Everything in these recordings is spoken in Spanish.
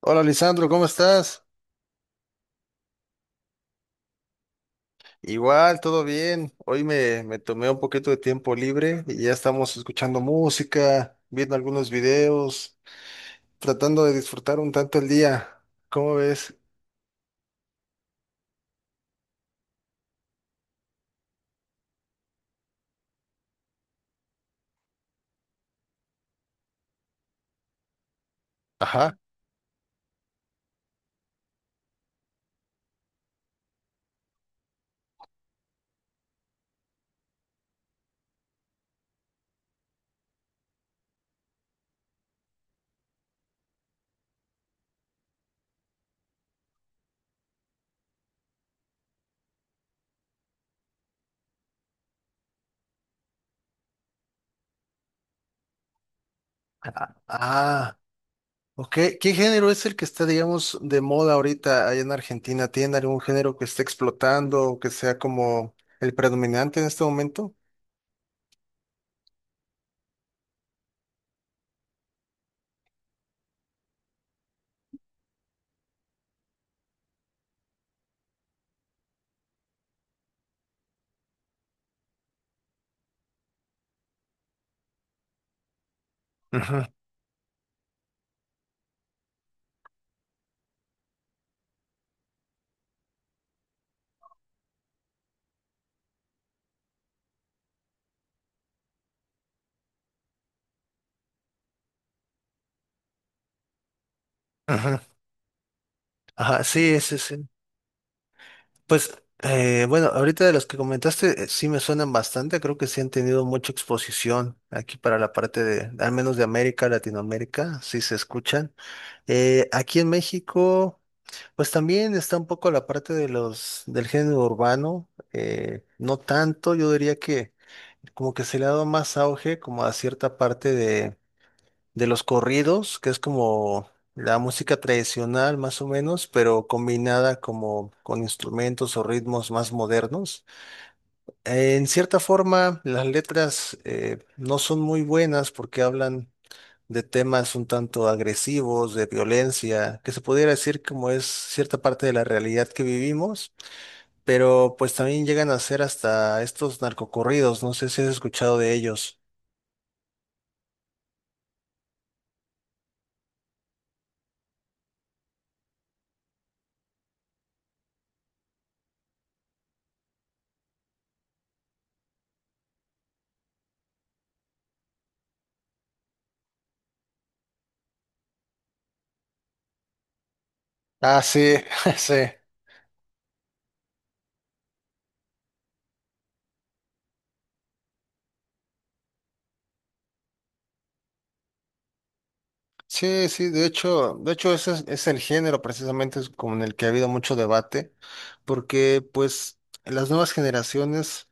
Hola, Lisandro, ¿cómo estás? Igual, todo bien. Hoy me tomé un poquito de tiempo libre y ya estamos escuchando música, viendo algunos videos, tratando de disfrutar un tanto el día. ¿Cómo ves? Ajá. Ah, ok. ¿Qué género es el que está, digamos, de moda ahorita allá en Argentina? ¿Tiene algún género que esté explotando o que sea como el predominante en este momento? Ujú. Ajá, ajá, sí, sí, sí. Pues, bueno, ahorita de los que comentaste, sí me suenan bastante, creo que sí han tenido mucha exposición aquí para la parte de, al menos de América, Latinoamérica, sí se escuchan. Aquí en México, pues también está un poco la parte de los, del género urbano, no tanto, yo diría que como que se le ha dado más auge como a cierta parte de los corridos, que es como la música tradicional más o menos, pero combinada como con instrumentos o ritmos más modernos. En cierta forma, las letras no son muy buenas porque hablan de temas un tanto agresivos, de violencia, que se pudiera decir como es cierta parte de la realidad que vivimos, pero pues también llegan a ser hasta estos narcocorridos, no sé si has escuchado de ellos. Ah, sí, sí. Sí, sí, de hecho ese es el género, precisamente es con el que ha habido mucho debate, porque pues las nuevas generaciones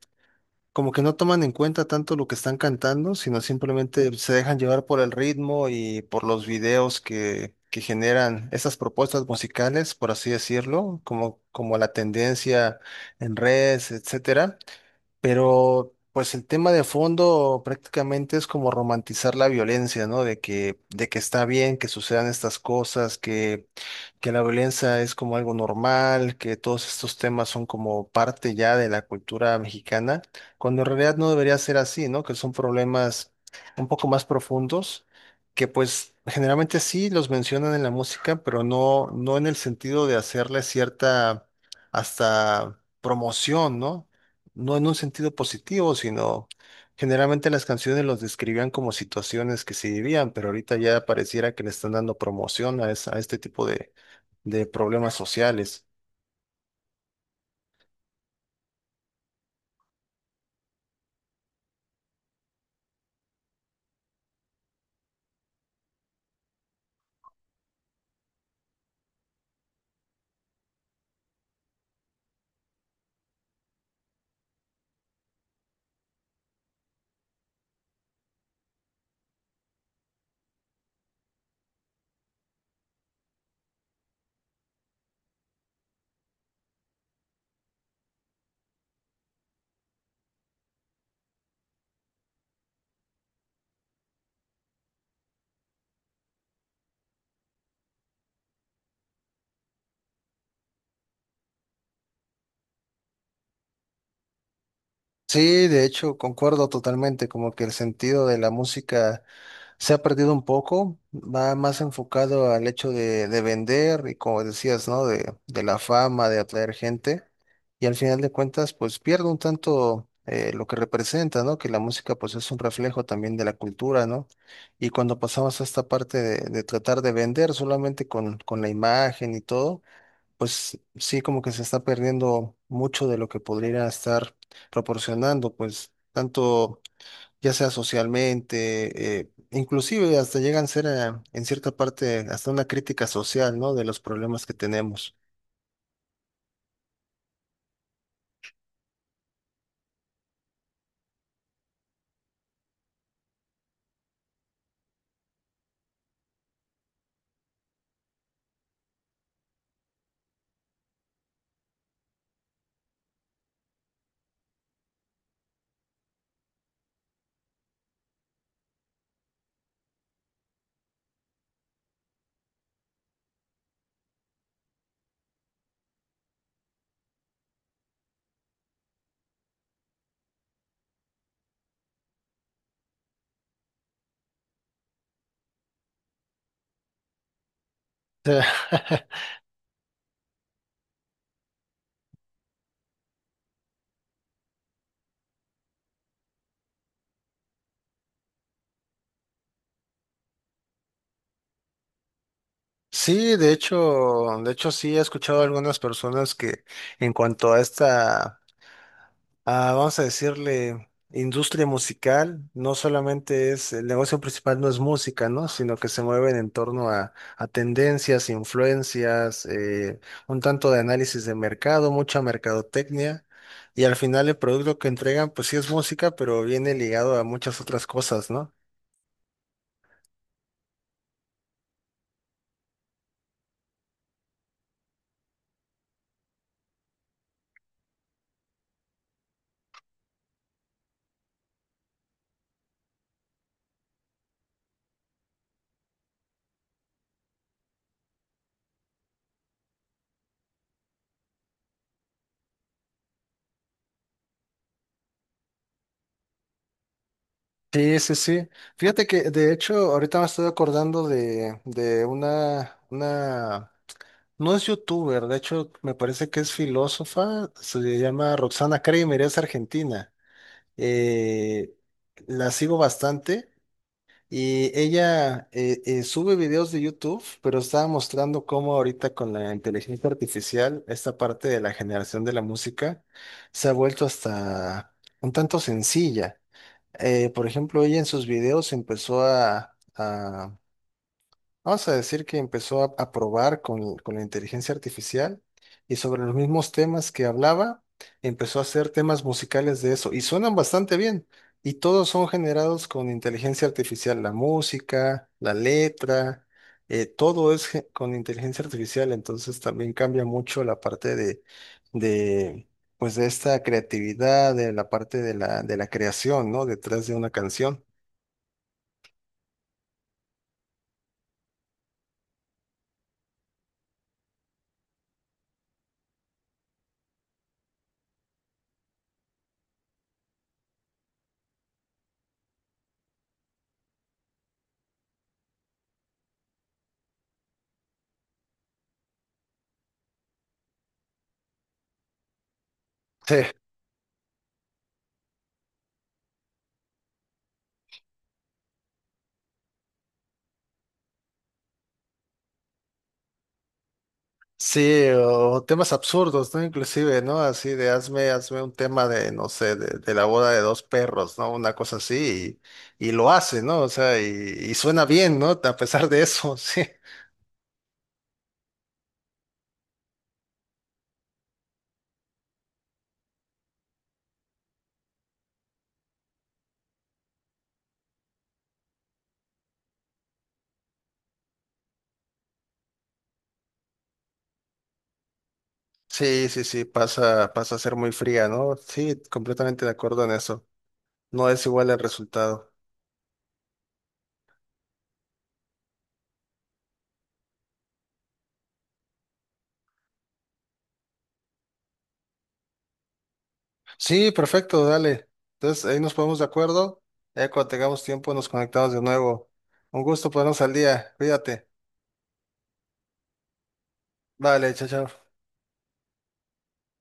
como que no toman en cuenta tanto lo que están cantando, sino simplemente se dejan llevar por el ritmo y por los videos que generan esas propuestas musicales, por así decirlo, como, como la tendencia en redes, etcétera. Pero pues el tema de fondo prácticamente es como romantizar la violencia, ¿no? De que está bien que sucedan estas cosas, que la violencia es como algo normal, que todos estos temas son como parte ya de la cultura mexicana, cuando en realidad no debería ser así, ¿no? Que son problemas un poco más profundos, que pues generalmente sí los mencionan en la música, pero no, no en el sentido de hacerle cierta hasta promoción, ¿no? No en un sentido positivo, sino generalmente las canciones los describían como situaciones que se vivían, pero ahorita ya pareciera que le están dando promoción a, esa- a este tipo de problemas sociales. Sí, de hecho, concuerdo totalmente, como que el sentido de la música se ha perdido un poco, va más enfocado al hecho de vender y como decías, ¿no? De la fama, de atraer gente. Y al final de cuentas, pues pierde un tanto lo que representa, ¿no? Que la música pues es un reflejo también de la cultura, ¿no? Y cuando pasamos a esta parte de tratar de vender solamente con la imagen y todo, pues sí como que se está perdiendo mucho de lo que podría estar proporcionando, pues tanto ya sea socialmente, inclusive hasta llegan a ser en cierta parte hasta una crítica social, ¿no? De los problemas que tenemos. O sea, sí, de hecho sí he escuchado a algunas personas que en cuanto a esta a, vamos a decirle, industria musical, no solamente es, el negocio principal no es música, ¿no? Sino que se mueven en torno a tendencias, influencias, un tanto de análisis de mercado, mucha mercadotecnia. Y al final el producto que entregan, pues sí es música, pero viene ligado a muchas otras cosas, ¿no? Sí, sí, sí. Fíjate que de hecho ahorita me estoy acordando de una, no es youtuber, de hecho me parece que es filósofa, se llama Roxana Kramer, es argentina. Eh, la sigo bastante y ella sube videos de YouTube, pero estaba mostrando cómo ahorita con la inteligencia artificial, esta parte de la generación de la música se ha vuelto hasta un tanto sencilla. Por ejemplo, ella en sus videos empezó a vamos a decir que empezó a probar con la inteligencia artificial y sobre los mismos temas que hablaba, empezó a hacer temas musicales de eso y suenan bastante bien. Y todos son generados con inteligencia artificial, la música, la letra, todo es ge- con inteligencia artificial, entonces también cambia mucho la parte de, pues de esta creatividad, de la parte de la creación, ¿no? Detrás de una canción. Sí, o temas absurdos, ¿no? Inclusive, ¿no? Así de hazme, hazme un tema de, no sé, de la boda de dos perros, ¿no? Una cosa así, y lo hace, ¿no? O sea, y suena bien, ¿no? A pesar de eso, sí. Sí, sí, sí, pasa, pasa a ser muy fría, ¿no? Sí, completamente de acuerdo en eso. No es igual el resultado. Sí, perfecto, dale. Entonces, ahí nos ponemos de acuerdo. Ya cuando tengamos tiempo nos conectamos de nuevo. Un gusto ponernos al día. Cuídate. Vale, chao, chao.